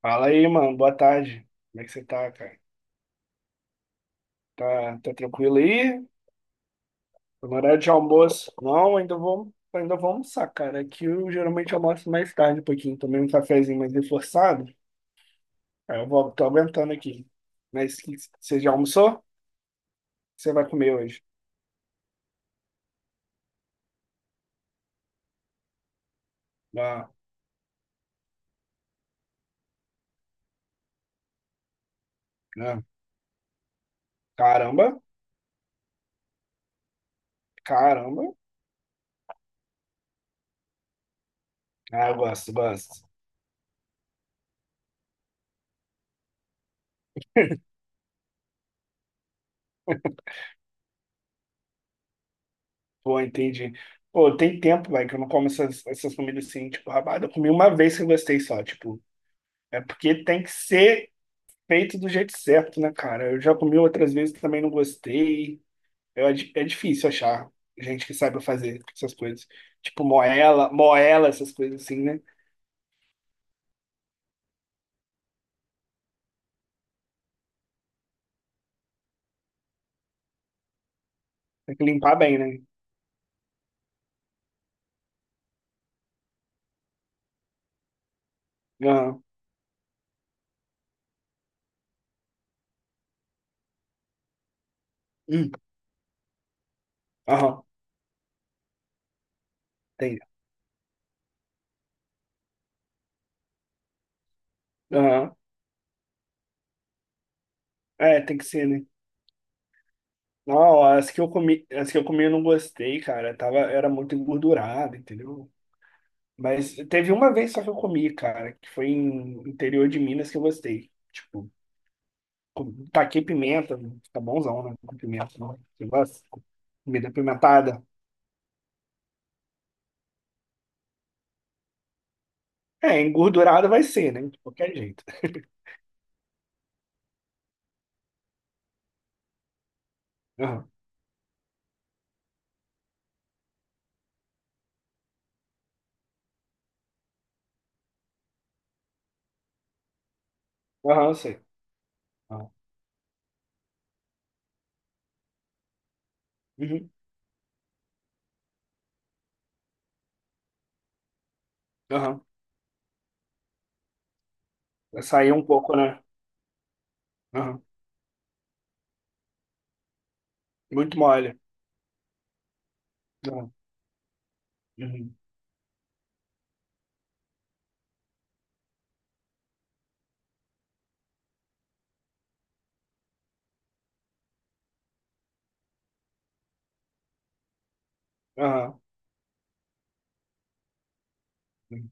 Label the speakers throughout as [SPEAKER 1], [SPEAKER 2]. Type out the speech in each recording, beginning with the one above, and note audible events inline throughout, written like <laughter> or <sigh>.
[SPEAKER 1] Fala aí, mano. Boa tarde. Como é que você tá, cara? Tá tranquilo aí? Tá no horário de almoço? Não, ainda vou almoçar, cara. Aqui eu geralmente almoço mais tarde um pouquinho. Tomei um cafezinho mais reforçado. Aí eu vou, tô aguentando aqui. Mas que- Você já almoçou? O que Você vai comer hoje? Ah, ah. Caramba, caramba. Ah, eu gosto, gosto. <laughs> Pô, entendi. Pô, tem tempo, velho, que eu não como essas comidas assim, tipo, rabada. Eu comi uma vez que eu gostei só, tipo. É porque tem que ser feito do jeito certo, né, cara? Eu já comi outras vezes também não gostei. É difícil achar gente que saiba fazer essas coisas. Tipo moela, moela, essas coisas assim, né? Tem que limpar bem, né? Aham. Hum, aham. Tem. Aham. É, tem que ser, né? Não, as que eu comi eu não gostei, cara. Tava, era muito engordurada, entendeu? Mas teve uma vez só que eu comi, cara, que foi em interior de Minas que eu gostei. Tipo, taquei pimenta, fica bonzão, né? Com pimenta, né? Você gosta? Comida pimentada. É, engordurada vai ser, né? De qualquer jeito. <laughs> Aham, aham, eu sei. Aham, uhum. Aham. Vai sair um pouco, né? Aham. Muito mole. Aham, uhum. Aham, uhum.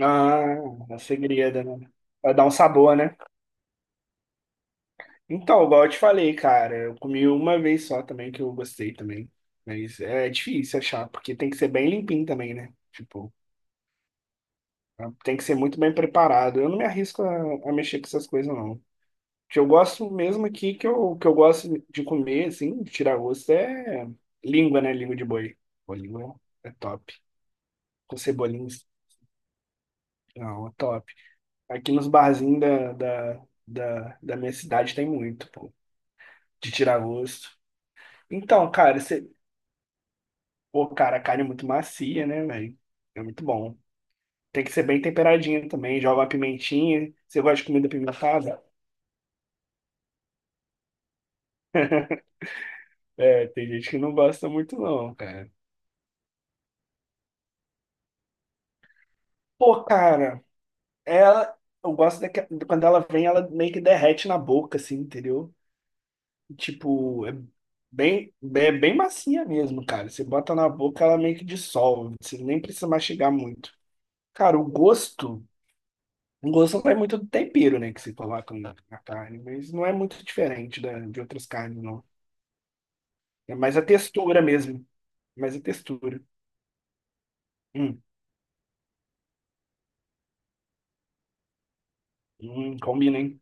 [SPEAKER 1] Ah, a segredo, né? Vai dar um sabor, né? Então, igual eu te falei, cara, eu comi uma vez só também, que eu gostei também. Mas é difícil achar, porque tem que ser bem limpinho também, né? Tipo, tem que ser muito bem preparado. Eu não me arrisco a mexer com essas coisas, não. O que eu gosto mesmo aqui, que eu gosto de comer, assim, de tirar gosto, é língua, né? Língua de boi. Pô, língua é top. Com cebolinha, assim, não, é top. Aqui nos barzinhos da minha cidade tem muito, pô, de tirar gosto. Então, cara, você... Pô, cara, a carne é muito macia, né, velho? É muito bom. Tem que ser bem temperadinho também. Joga uma pimentinha. Você gosta de comida pimentada? É, tem gente que não gosta muito, não, cara. Pô, cara, ela. Eu gosto de quando ela vem, ela meio que derrete na boca, assim, entendeu? Tipo, é bem macia mesmo, cara. Você bota na boca, ela meio que dissolve. Você nem precisa mastigar muito. Cara, o gosto. O gosto vai muito do tempero, né, que você coloca na, na carne, mas não é muito diferente de outras carnes, não. É mais a textura mesmo. Mais a textura. Hum, combina, hein?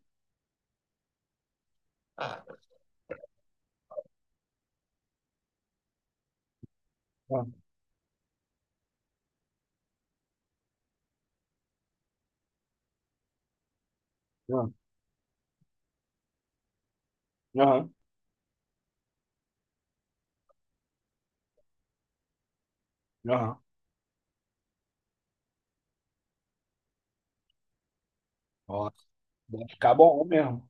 [SPEAKER 1] Ah, ah, ah, Aham, aham. Ó, vai ficar bom mesmo.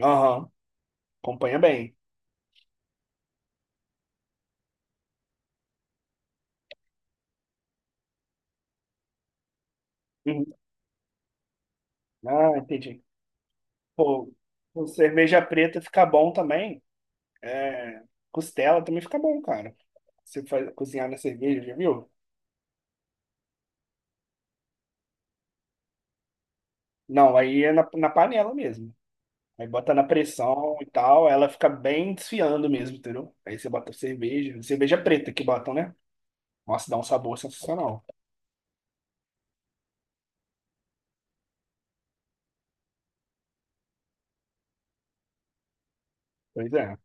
[SPEAKER 1] Aham, acompanha bem. Uhum. Ah, entendi. Pô, com cerveja preta fica bom também. É, costela também fica bom, cara. Você faz, cozinhar na cerveja, já viu? Não, aí é na panela mesmo. Aí bota na pressão e tal, ela fica bem desfiando mesmo, entendeu? Aí você bota cerveja, cerveja preta que botam, né? Nossa, dá um sabor sensacional. Pois é.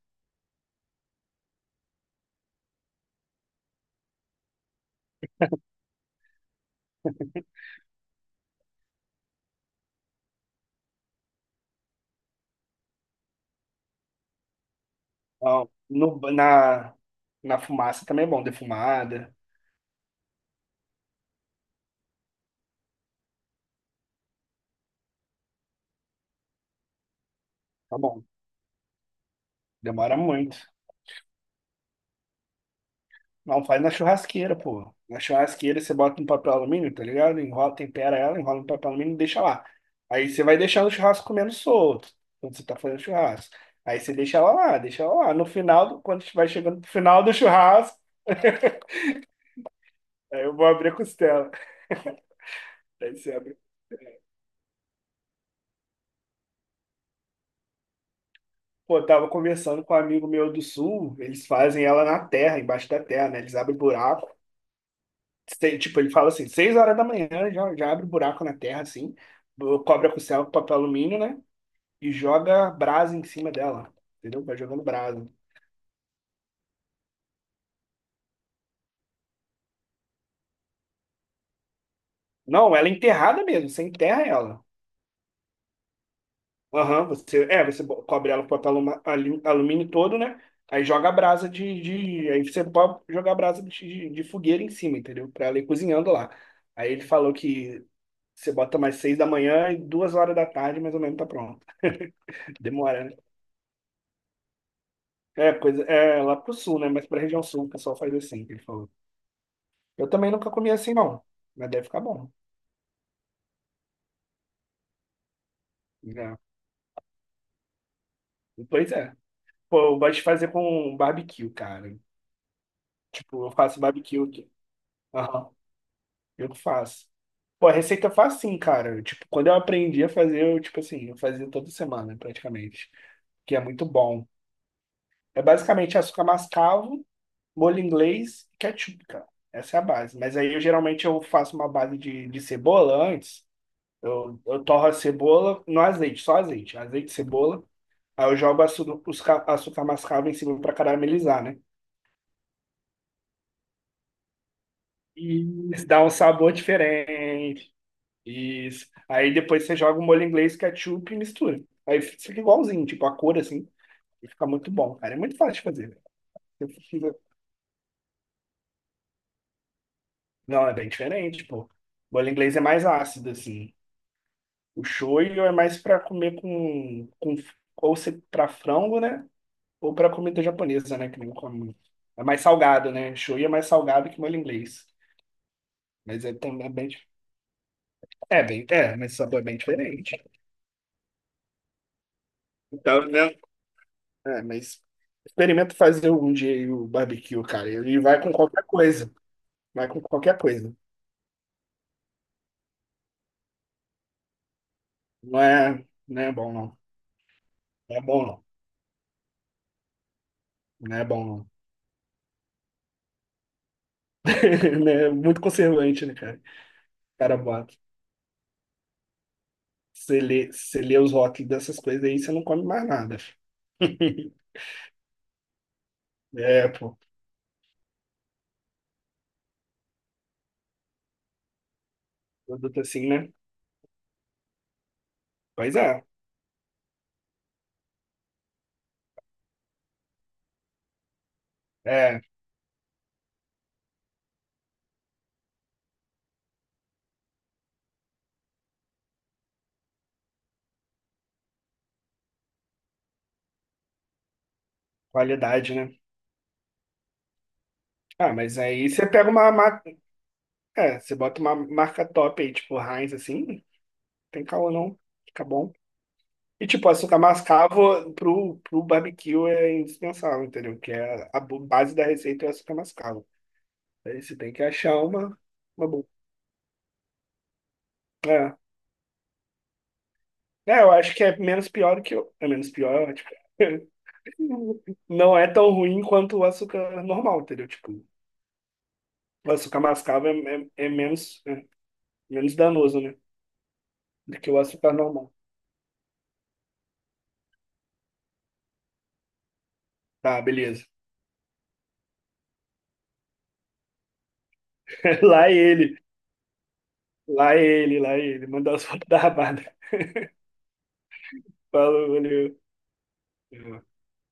[SPEAKER 1] Ó, No, na, na fumaça também é bom, defumada. Tá bom. Demora muito. Não, faz na churrasqueira, pô. Na churrasqueira você bota um papel alumínio, tá ligado? Enrola, tempera ela, enrola no papel alumínio e deixa lá. Aí você vai deixando o churrasco comendo solto, quando você tá fazendo churrasco. Aí você deixa ela lá. No final, do- Quando vai chegando pro final do churrasco, aí eu vou abrir a costela. <laughs> Aí você abre. Pô, eu tava conversando com um amigo meu do sul, eles fazem ela na terra, embaixo da terra, né? Eles abrem buraco. Tipo, ele fala assim, 6 horas da manhã já abre buraco na terra, assim, cobre a costela com papel alumínio, né? E joga brasa em cima dela. Entendeu? Vai jogando brasa. Não, ela é enterrada mesmo, você enterra ela. Aham, você, é, você cobre ela com papel alumínio todo, né? Aí joga a brasa de, de. Aí você pode jogar a brasa de fogueira em cima, entendeu? Pra ela ir cozinhando lá. Aí ele falou que você bota mais 6 da manhã e 2 horas da tarde, mais ou menos, tá pronto. <laughs> Demora, né? É, coisa, é lá pro sul, né? Mas pra região sul o pessoal faz assim, que ele falou. Eu também nunca comi assim, não. Mas deve ficar bom. É. Pois é. Pô, eu gosto de fazer com barbecue, cara. Tipo, eu faço barbecue aqui. Aham, eu que faço. Pô, a receita eu faço sim, cara. Tipo, quando eu aprendi a fazer, eu, tipo assim, eu fazia toda semana, praticamente. Que é muito bom. É basicamente açúcar mascavo, molho inglês e ketchup, cara. Essa é a base. Mas aí, eu geralmente, eu faço uma base de cebola antes. Eu torro a cebola no azeite, só azeite. Azeite, cebola. Aí eu jogo açúcar, açúcar mascavo em cima pra caramelizar, né? Isso, dá um sabor diferente. Isso. Aí depois você joga o molho inglês, ketchup e mistura. Aí fica igualzinho, tipo, a cor assim. E fica muito bom, cara. É muito fácil de fazer. Não, é bem diferente, pô. Molho inglês é mais ácido, assim. O shoyu é mais pra comer com ou se, pra frango, né? Ou pra comida japonesa, né? Que nem come muito. É mais salgado, né? Shoyu é mais salgado que molho inglês. Mas é também é bem. Dif- É, bem, é, mas o sabor é bem diferente. Então, né? É, mas experimenta fazer um dia aí o barbecue, cara. Ele vai com qualquer coisa. Vai com qualquer coisa. Não é bom, não. Não é bom, não. Não é bom, não. <laughs> Não, é muito conservante, né, cara? O Cara, bota. Você lê os rótulos dessas coisas aí, você não come mais nada. <laughs> É, pô. Produto assim, né? Pois é. É, qualidade, né? Ah, mas aí você pega uma marca. É, você bota uma marca top aí, tipo Heinz, assim. Tem caô, não. Fica bom. E, tipo, açúcar mascavo pro barbecue é indispensável, entendeu? Que é a, base da receita é o açúcar mascavo. Aí você tem que achar uma boa. É. É, eu acho que é menos pior do que o. É menos pior, tipo. <laughs> Não é tão ruim quanto o açúcar normal, entendeu? Tipo, o açúcar mascavo é, é menos danoso, né? Do que o açúcar normal. Tá, beleza. <laughs> Lá é ele, lá é ele, lá é ele. Mandar as fotos da rabada. <laughs> Falou, valeu. É.